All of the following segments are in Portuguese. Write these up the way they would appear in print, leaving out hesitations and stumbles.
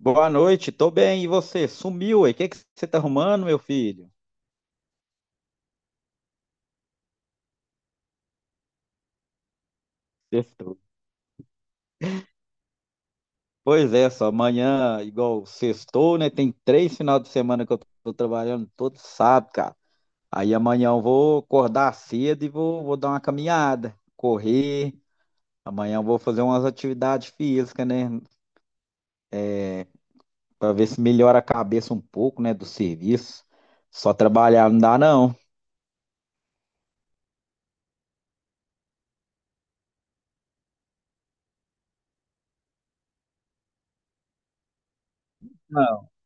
Boa noite, tô bem. E você? Sumiu aí? O que que você tá arrumando, meu filho? Sextou. Pois é, só amanhã, igual sextou, né? Tem 3 final de semana que eu tô trabalhando todo sábado, cara. Aí amanhã eu vou acordar cedo e vou dar uma caminhada, correr. Amanhã eu vou fazer umas atividades físicas, né? Pra ver se melhora a cabeça um pouco, né? Do serviço. Só trabalhar não dá, não.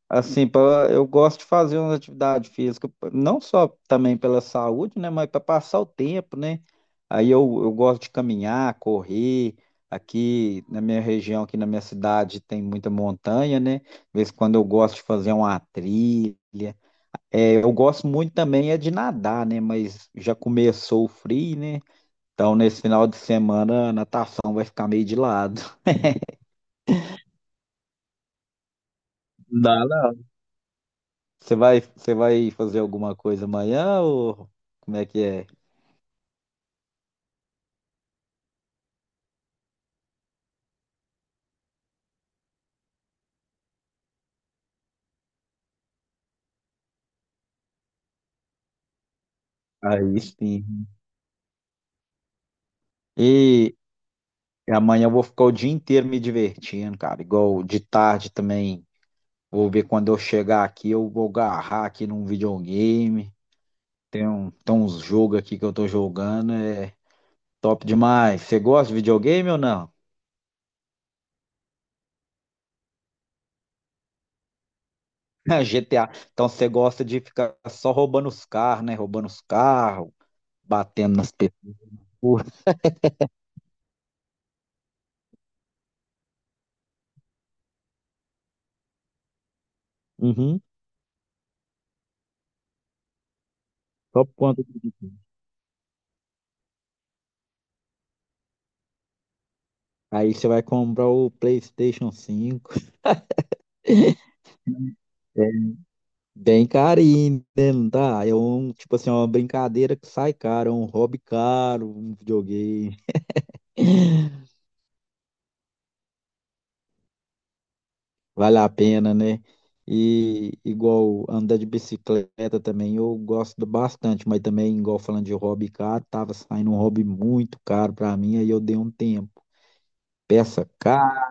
Assim, eu gosto de fazer uma atividade física, não só também pela saúde, né, mas para passar o tempo, né? Aí eu gosto de caminhar, correr. Aqui na minha região, aqui na minha cidade, tem muita montanha, né? De vez em quando eu gosto de fazer uma trilha. É, eu gosto muito também é de nadar, né? Mas já começou o frio, né? Então, nesse final de semana, a natação vai ficar meio de lado. Dá não. Você vai fazer alguma coisa amanhã ou como é que é? Aí sim. E amanhã eu vou ficar o dia inteiro me divertindo, cara. Igual de tarde também. Vou ver quando eu chegar aqui, eu vou agarrar aqui num videogame. Tem uns jogos aqui que eu tô jogando, é top demais. Você gosta de videogame ou não? GTA. Então você gosta de ficar só roubando os carros, né? Roubando os carros, batendo nas pessoas. Uhum. Só por conta disso. Aí você vai comprar o PlayStation 5. É, bem carinho, né? Não tá? Tipo assim, é uma brincadeira que sai caro, é um hobby caro, um videogame. Vale a pena, né? E igual andar de bicicleta também, eu gosto bastante, mas também, igual falando de hobby caro, tava saindo um hobby muito caro pra mim, aí eu dei um tempo. Peça cara.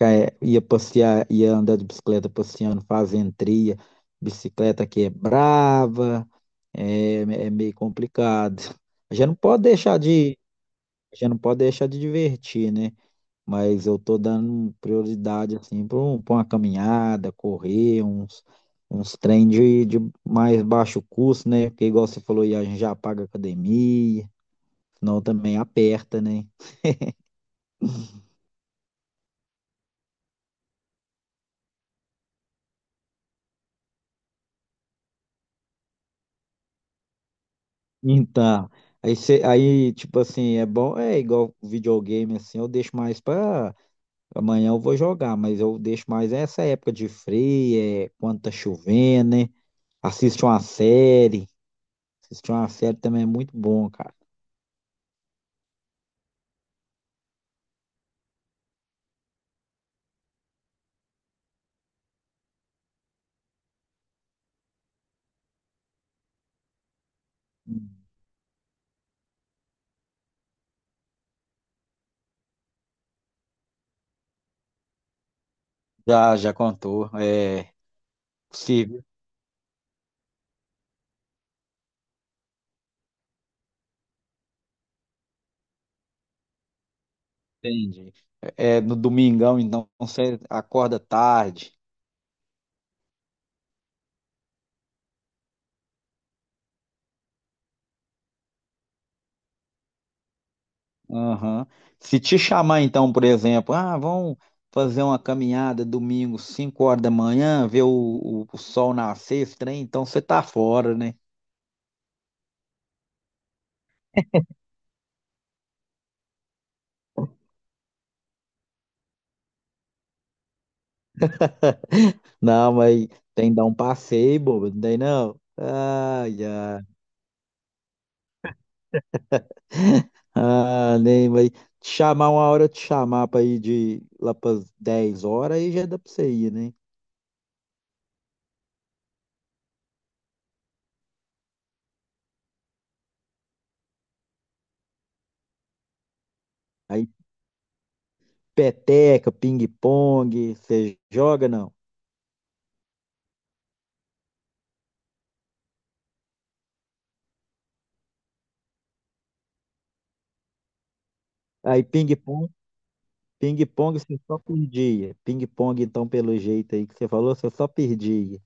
É, ia passear, ia andar de bicicleta passeando, fazendo trilha. Bicicleta que é brava, é meio complicado. A gente não pode deixar de, a gente não pode deixar de divertir, né? Mas eu tô dando prioridade assim para uma caminhada, correr, uns trem de mais baixo custo, né? Porque igual você falou, aí, a gente já paga academia, senão também aperta, né? Então, aí, aí, tipo assim, é bom, é igual videogame, assim, eu deixo mais pra amanhã eu vou jogar, mas eu deixo mais essa época de frio, é, quando tá chovendo, né? Assiste uma série, assiste uma série também é muito bom, cara. Já contou, é possível, entendi. É, no domingão, então, você acorda tarde. Aham. Se te chamar, então, por exemplo, ah, vamos fazer uma caminhada domingo, 5 horas da manhã, ver o sol nascer, esse trem, então você tá fora, né? Não, mas tem que dar um passeio, bobo, não tem não? Ai, ai. Ah, nem, mas te chamar uma hora, eu te chamar pra ir de lá pras 10 horas, aí já dá pra você ir, né? Aí peteca, ping-pong, você joga, não? Aí ping-pong. Ping-pong você só perdia. Ping-pong, então, pelo jeito aí que você falou, você só perdia.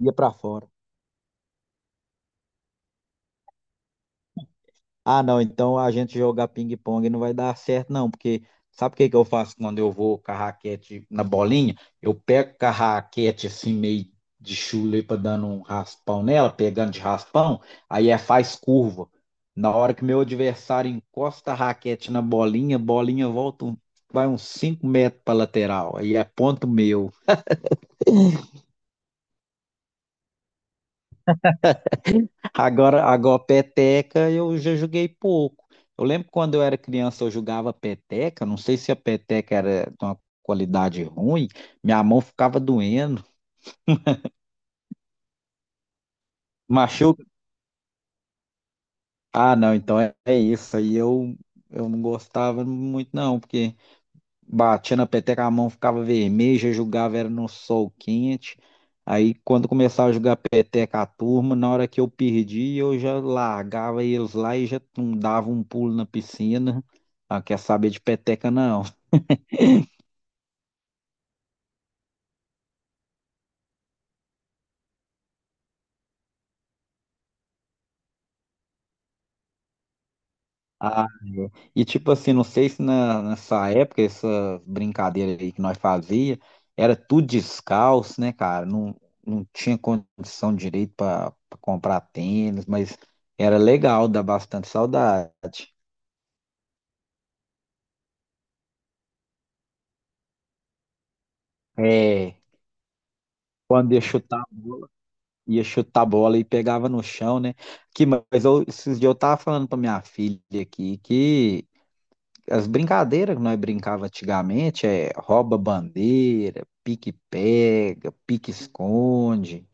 Ia pra fora. Ah, não, então a gente jogar ping-pong não vai dar certo, não, porque sabe o que que eu faço quando eu vou com a raquete na bolinha? Eu pego com a raquete assim, meio de chula aí pra dando um raspão nela, pegando de raspão, aí é faz curva. Na hora que meu adversário encosta a raquete na bolinha, a bolinha volta, vai uns 5 metros pra lateral. Aí é ponto meu. Agora peteca eu já joguei pouco. Eu lembro que quando eu era criança eu jogava peteca, não sei se a peteca era de uma qualidade ruim, minha mão ficava doendo, machuca. Ah, não, então é isso aí. Eu não gostava muito não, porque batia na peteca, a mão ficava vermelha, jogava era no sol quente. Aí quando começava a jogar peteca a turma, na hora que eu perdi, eu já largava eles lá e já tum, dava um pulo na piscina. Ah, quer saber de peteca não. Ah, é. E tipo assim, não sei se nessa época, essa brincadeira aí que nós fazia, era tudo descalço, né, cara? Não, não tinha condição direito para comprar tênis, mas era legal, dá bastante saudade. É, quando ia chutar, a bola e pegava no chão, né? Esses dias eu tava falando pra minha filha aqui que as brincadeiras que nós brincava antigamente é rouba bandeira, pique pega, pique esconde.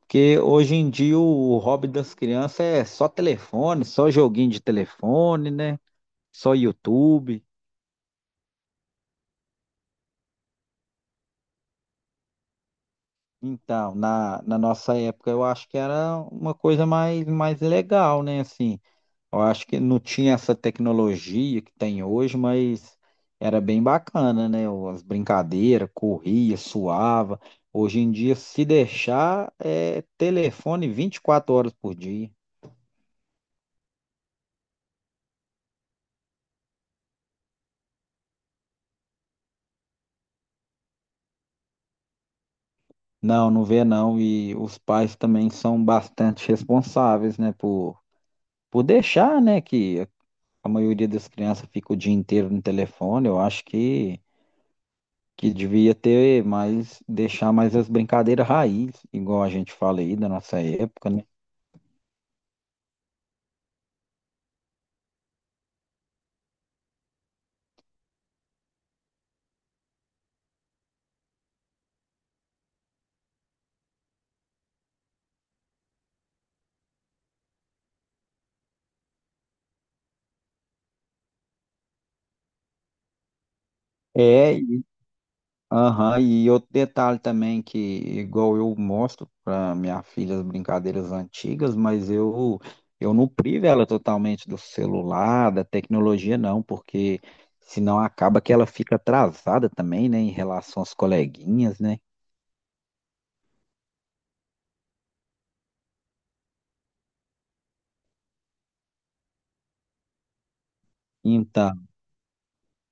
Porque hoje em dia o hobby das crianças é só telefone, só joguinho de telefone, né? Só YouTube. Então, na nossa época eu acho que era uma coisa mais, mais legal, né? Assim, eu acho que não tinha essa tecnologia que tem hoje, mas era bem bacana, né? As brincadeiras, corria, suava. Hoje em dia, se deixar, é telefone 24 horas por dia. Não, não vê não. E os pais também são bastante responsáveis, né? Por deixar, né? Que a maioria das crianças fica o dia inteiro no telefone. Eu acho que devia ter mais, deixar mais as brincadeiras raiz, igual a gente fala aí da nossa época, né? É, e aham, e outro detalhe também que, igual eu mostro para minha filha as brincadeiras antigas, mas eu não privo ela totalmente do celular, da tecnologia, não, porque senão acaba que ela fica atrasada também, né, em relação às coleguinhas, né? Então,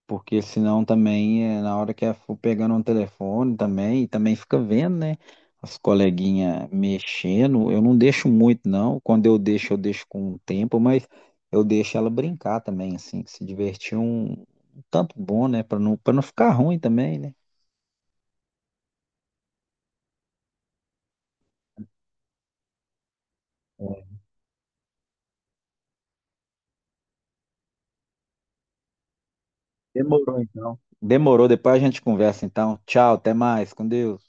porque senão também, na hora que eu for pegando um telefone também, e também fica vendo, né? As coleguinhas mexendo. Eu não deixo muito, não. Quando eu deixo com o tempo, mas eu deixo ela brincar também, assim, se divertir um tanto bom, né? Para não ficar ruim também, né? É. Demorou, então. Demorou, depois a gente conversa, então. Tchau, até mais, com Deus.